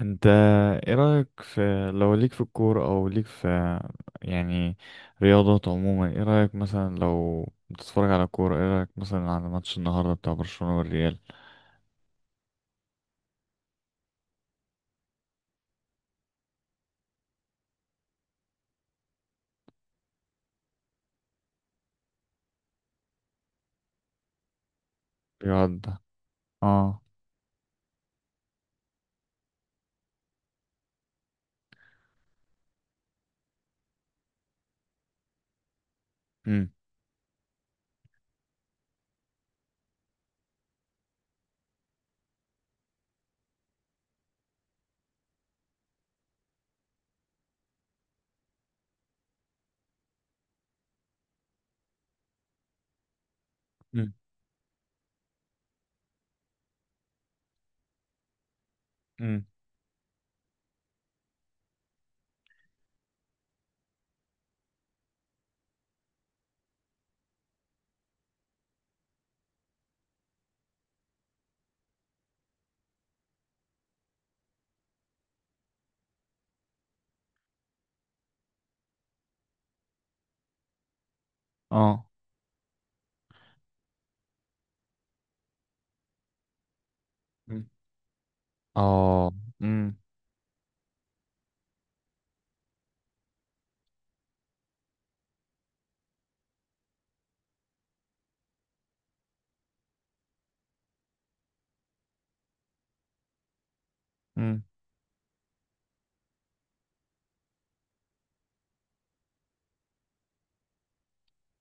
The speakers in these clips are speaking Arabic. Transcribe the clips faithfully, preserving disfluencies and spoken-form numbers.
انت، ايه رأيك في، لو ليك في الكورة او ليك في، يعني، رياضات عموما؟ ايه رأيك مثلا لو بتتفرج على كورة؟ ايه رأيك مثلا على ماتش النهاردة بتاع برشلونة والريال؟ بيقعد. اه. امم. امم. امم. اه. امم. اه. امم. امم.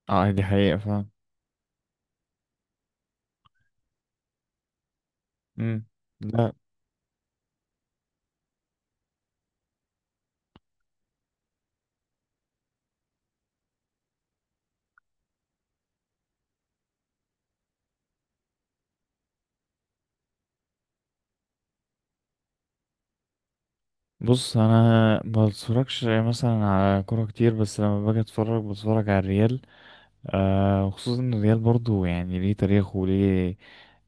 اه، دي حقيقة فعلا. امم. لا. بص، انا ما بتفرجش مثلا على كورة كتير، بس لما باجي اتفرج بتفرج على الريال. آه، وخصوصا ان الريال برضو، يعني، ليه تاريخ وليه،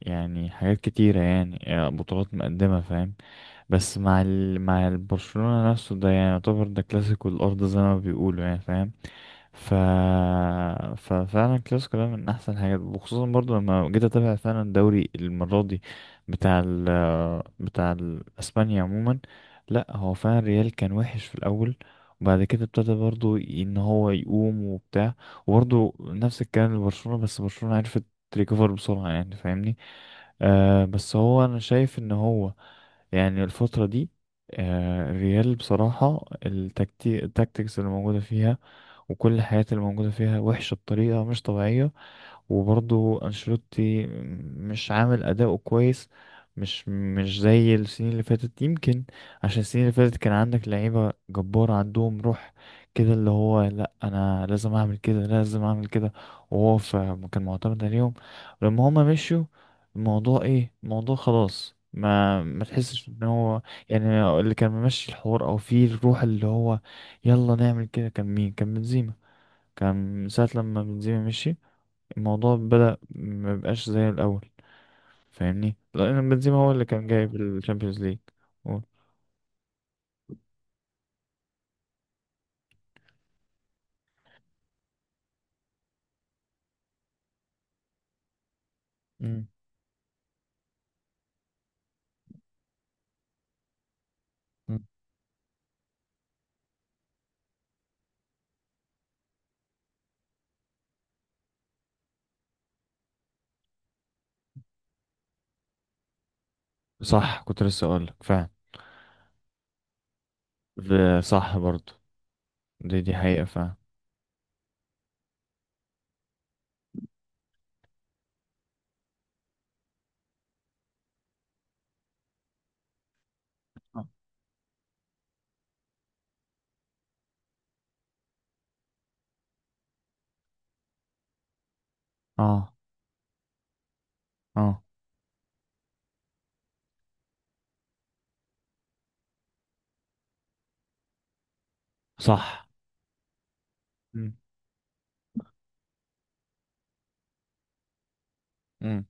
يعني، حاجات كتيرة، يعني آه، بطولات مقدمة، فاهم. بس مع ال... مع البرشلونة نفسه ده، يعني يعتبر ده كلاسيكو الأرض زي ما بيقولوا، يعني فاهم. ف... ففعلا الكلاسيكو ده من احسن الحاجات، وخصوصا برضو لما جيت اتابع فعلا الدوري المره دي بتاع ال... بتاع ال- اسبانيا عموما. لا، هو فعلا ريال كان وحش في الاول، وبعد كده ابتدى برضو ان هو يقوم وبتاع. وبرضو نفس الكلام لبرشلونه، بس برشلونه عرفت تريكفر بسرعه، يعني فاهمني. آه، بس هو انا شايف ان هو، يعني، الفتره دي، آه الريال بصراحه التكتي... التكتيكس اللي موجوده فيها وكل الحاجات اللي موجودة فيها وحشة بطريقة مش طبيعية. وبرضه أنشيلوتي مش عامل أداؤه كويس، مش مش زي السنين اللي فاتت يمكن، عشان السنين اللي فاتت كان عندك لعيبة جبارة عندهم روح، كده اللي هو: لأ، أنا لازم أعمل كده، لازم أعمل كده. وهو ف- كان معتمد عليهم. لما هما مشيوا، الموضوع إيه، الموضوع خلاص، ما ما تحسش ان هو، يعني، اللي كان ممشي الحوار او فيه الروح اللي هو يلا نعمل كده. كان مين؟ كان بنزيما. كان من ساعة لما بنزيما مشي الموضوع بدأ مبقاش زي الأول، فاهمني؟ لأن بنزيما هو اللي كان جايب الشامبيونز ليج. مم. مم. صح، كنت لسه أقولك فعلا. ده صح برضو. دي دي حقيقة فعلا. آه. اه. اه. صح. مم. مم.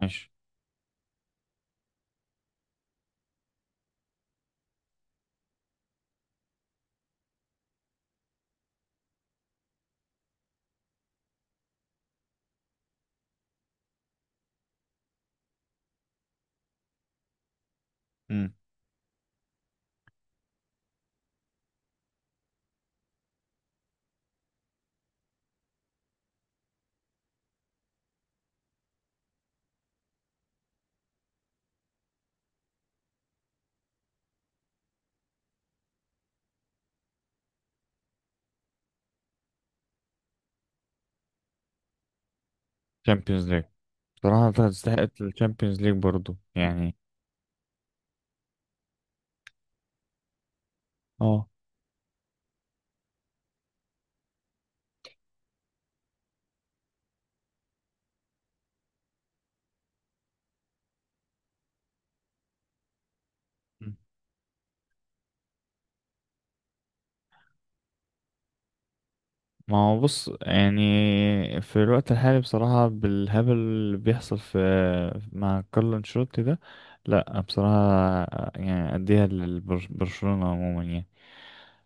ماشي. مم. شامبيونز ليج، بصراحة تستحق الشامبيونز ليج برضو يعني. اه، ما هو بص، يعني، في الوقت الحالي بصراحة بالهبل اللي بيحصل في، مع كارلو انشيلوتي ده، لا بصراحة، يعني أديها لبرشلونة عموما، يعني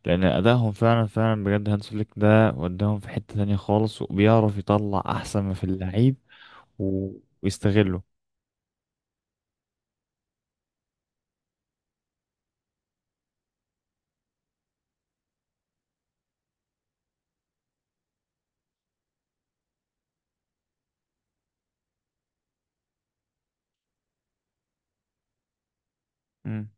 لأن أدائهم فعلا فعلا بجد. هانس فليك ده وداهم في حتة تانية خالص، وبيعرف يطلع أحسن ما في اللعيب و- ويستغله. مم.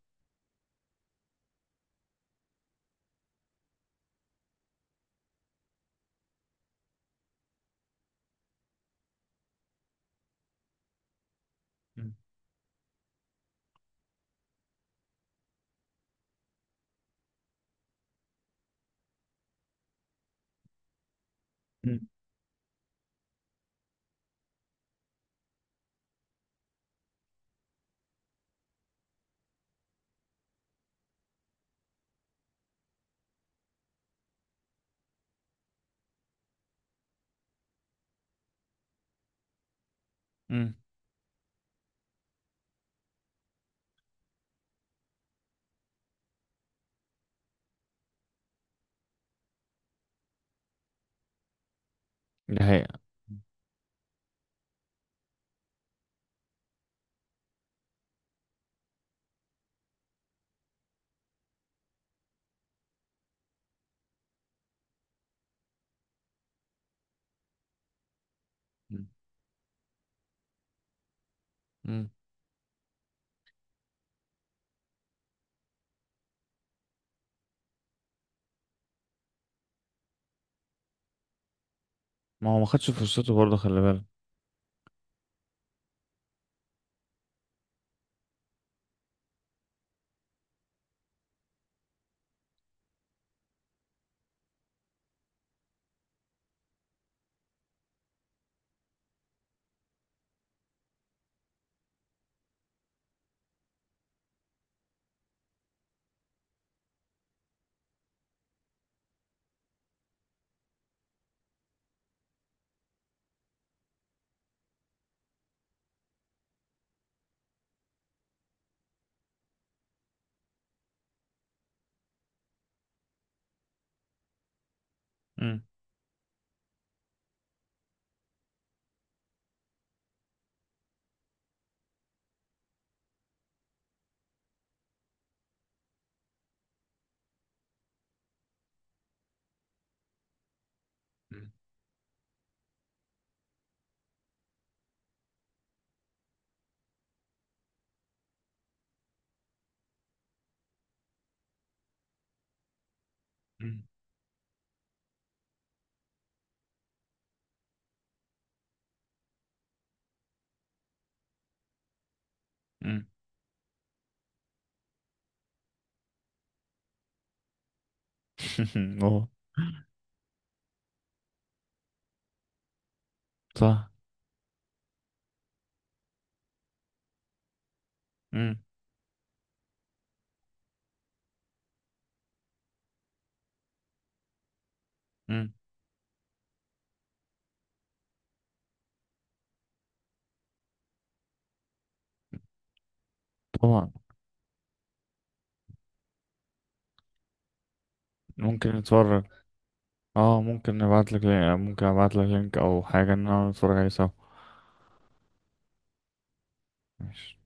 مم. مم. مم. دي حقيقة. مم. مم. ما هو ما خدش فرصته برضه، خلي بالك. مم. مم. مم. مم. هو صح. مم. مم. طبعا، ممكن نتفرج. اه، ممكن نبعتلك لك ممكن ابعتلك لينك او حاجة ان انا نتفرج عليه سوا. ماشي.